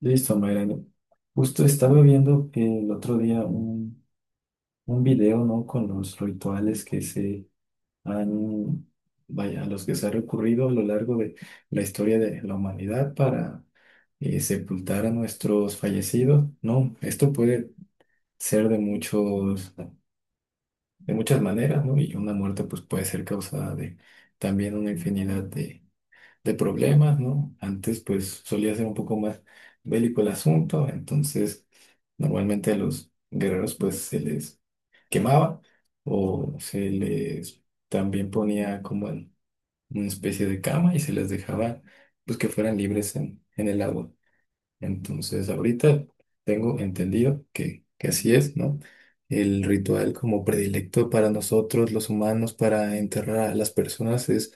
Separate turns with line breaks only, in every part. Listo, Mayrani. Justo estaba viendo que el otro día un video, ¿no? Con los rituales que se han, a los que se ha recurrido a lo largo de la historia de la humanidad para sepultar a nuestros fallecidos, ¿no? Esto puede ser de de muchas maneras, ¿no? Y una muerte, pues, puede ser causada de también una infinidad de problemas, ¿no? Antes pues solía ser un poco más bélico el asunto, entonces normalmente a los guerreros pues se les quemaba o se les también ponía como en una especie de cama y se les dejaba pues que fueran libres en el agua. Entonces ahorita tengo entendido que así es, ¿no? El ritual como predilecto para nosotros los humanos para enterrar a las personas es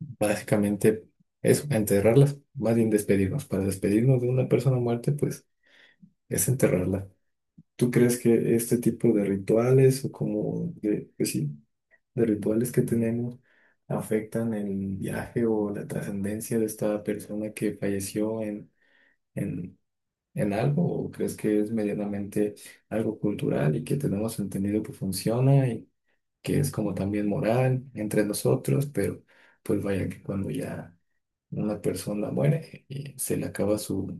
básicamente eso, enterrarlas, más bien despedirnos. Para despedirnos de una persona muerta, pues es enterrarla. ¿Tú crees que este tipo de rituales o como de, pues sí, de rituales que tenemos afectan el viaje o la trascendencia de esta persona que falleció en, en algo? ¿O crees que es medianamente algo cultural y que tenemos entendido que funciona y que es como también moral entre nosotros? Pero pues vaya que cuando ya una persona muere y se le acaba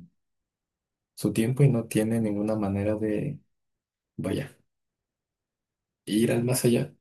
su tiempo y no tiene ninguna manera de, vaya, ir al más allá.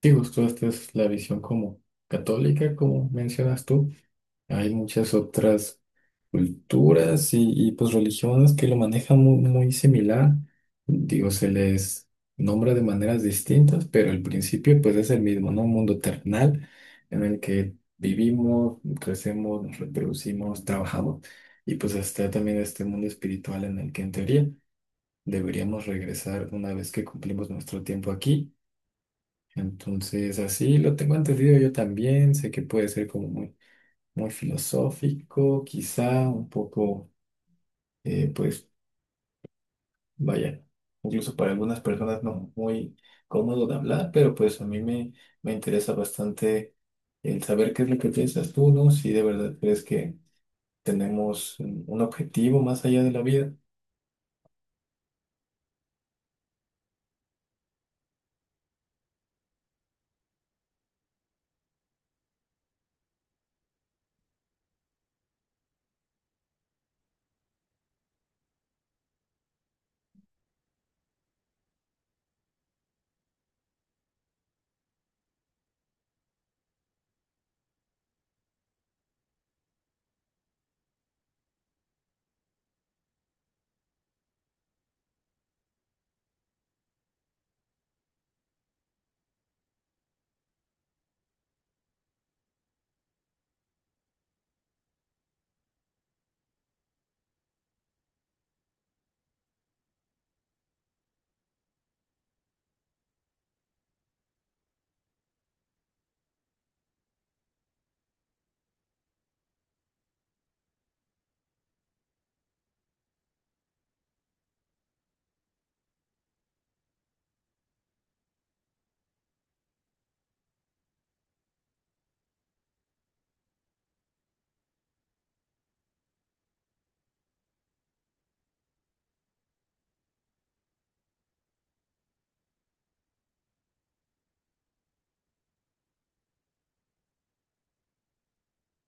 Digo, esta es la visión como católica, como mencionas tú. Hay muchas otras culturas y pues religiones que lo manejan muy, muy similar. Digo, se les nombra de maneras distintas, pero el principio pues es el mismo, ¿no? Un mundo terrenal en el que vivimos, crecemos, nos reproducimos, trabajamos. Y pues está también este mundo espiritual en el que en teoría deberíamos regresar una vez que cumplimos nuestro tiempo aquí. Entonces, así lo tengo entendido yo también. Sé que puede ser como muy, muy filosófico, quizá un poco pues vaya, incluso para algunas personas no muy cómodo de hablar, pero pues a me interesa bastante el saber qué es lo que piensas tú, ¿no? Si de verdad crees que tenemos un objetivo más allá de la vida.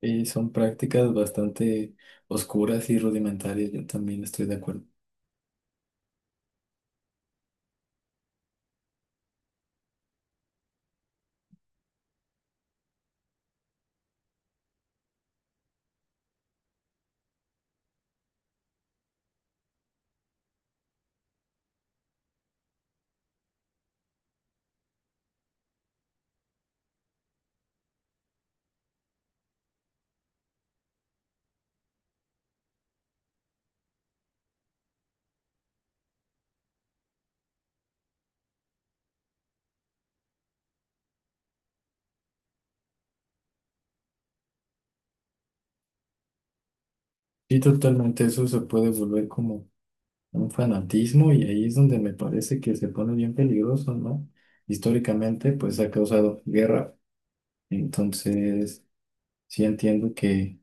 Y son prácticas bastante oscuras y rudimentarias, yo también estoy de acuerdo. Sí, totalmente, eso se puede volver como un fanatismo y ahí es donde me parece que se pone bien peligroso, ¿no? Históricamente, pues ha causado guerra, entonces sí entiendo que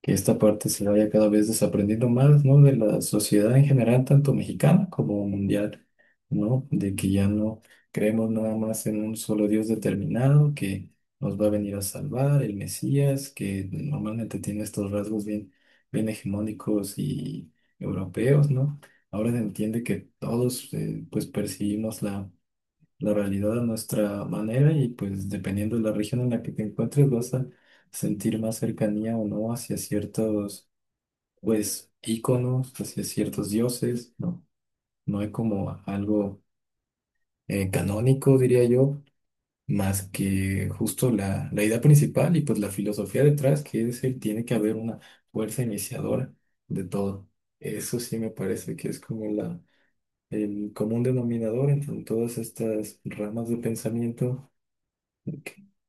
que esta parte se vaya cada vez desaprendiendo más, ¿no? De la sociedad en general, tanto mexicana como mundial, ¿no? De que ya no creemos nada más en un solo Dios determinado que nos va a venir a salvar, el Mesías, que normalmente tiene estos rasgos bien hegemónicos y europeos, ¿no? Ahora se entiende que todos, pues, percibimos la realidad a nuestra manera y pues dependiendo de la región en la que te encuentres vas a sentir más cercanía o no hacia ciertos pues íconos, hacia ciertos dioses, ¿no? No hay como algo canónico, diría yo, más que justo la idea principal y pues la filosofía detrás, que es el tiene que haber una fuerza iniciadora de todo. Eso sí me parece que es como el común denominador entre todas estas ramas de pensamiento,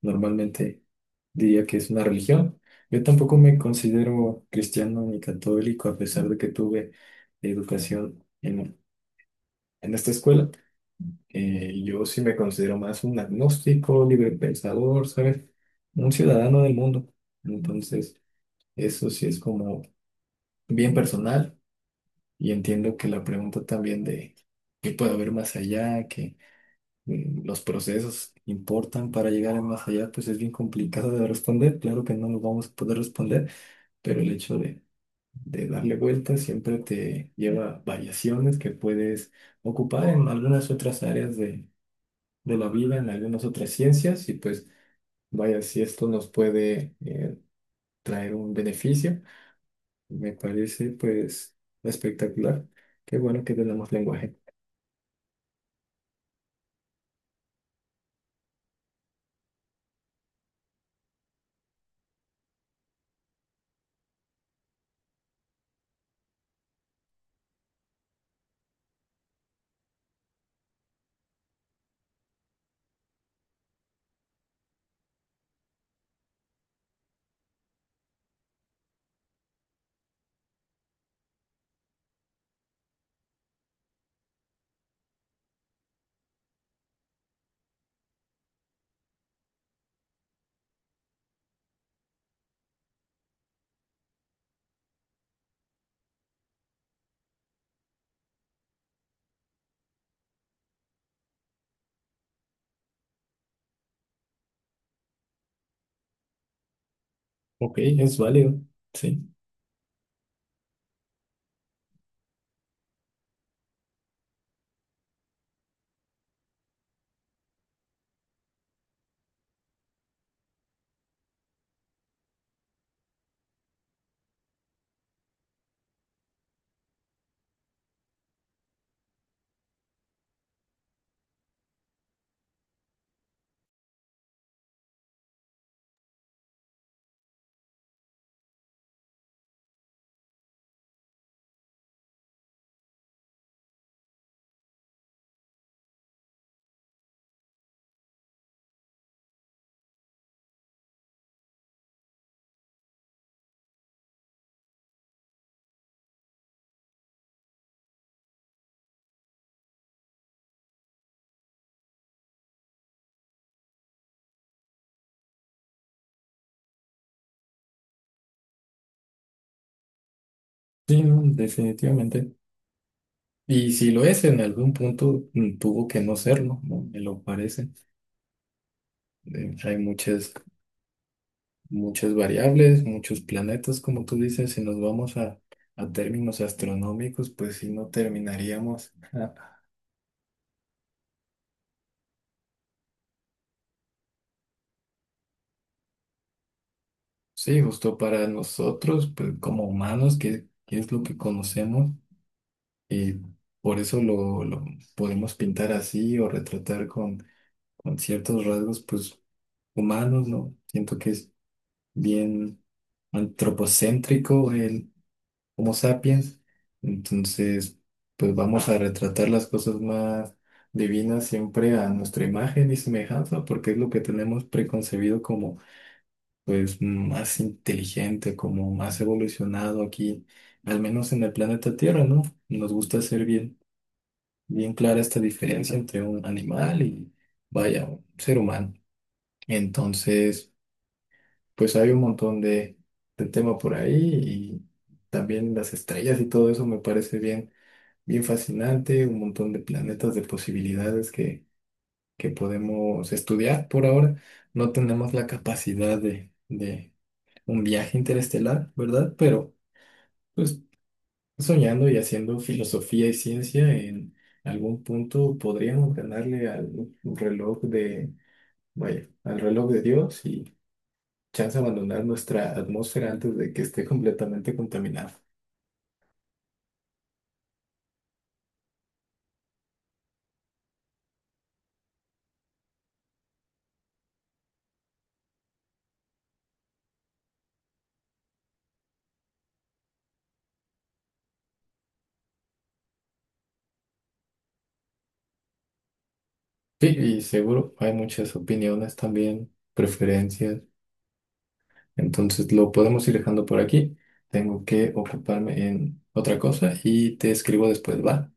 normalmente diría que es una religión. Yo tampoco me considero cristiano ni católico, a pesar de que tuve educación en esta escuela. Yo sí me considero más un agnóstico, libre pensador, ¿sabes? Un ciudadano del mundo. Entonces, eso sí es como bien personal y entiendo que la pregunta también de qué puede haber más allá, que los procesos importan para llegar al más allá, pues es bien complicado de responder. Claro que no lo vamos a poder responder, pero el hecho de darle vueltas siempre te lleva a variaciones que puedes ocupar en algunas otras áreas de la vida, en algunas otras ciencias, y pues vaya, si esto nos puede traer un beneficio, me parece pues espectacular. Qué bueno que tenemos lenguaje. Ok, es válido. Sí, sí, no, definitivamente. Y si lo es, en algún punto tuvo que no serlo, ¿no? Me lo parece. Hay muchas variables, muchos planetas, como tú dices, si nos vamos a términos astronómicos, pues si no terminaríamos. Ah, sí, justo para nosotros, pues, como humanos, que es lo que conocemos, y por eso lo podemos pintar así o retratar con ciertos rasgos, pues humanos, ¿no? Siento que es bien antropocéntrico el Homo sapiens. Entonces, pues vamos a retratar las cosas más divinas siempre a nuestra imagen y semejanza, porque es lo que tenemos preconcebido como pues más inteligente, como más evolucionado aquí, al menos en el planeta Tierra, ¿no? Nos gusta hacer bien clara esta diferencia entre un animal y, vaya, un ser humano. Entonces, pues hay un montón de tema por ahí y también las estrellas y todo eso me parece bien fascinante, un montón de planetas, de posibilidades que podemos estudiar por ahora. No tenemos la capacidad de un viaje interestelar, ¿verdad? Pero pues soñando y haciendo filosofía y ciencia, en algún punto podríamos ganarle al reloj de, vaya, al reloj de Dios y chance abandonar nuestra atmósfera antes de que esté completamente contaminada. Sí, y seguro hay muchas opiniones también, preferencias. Entonces lo podemos ir dejando por aquí. Tengo que ocuparme en otra cosa y te escribo después, ¿va?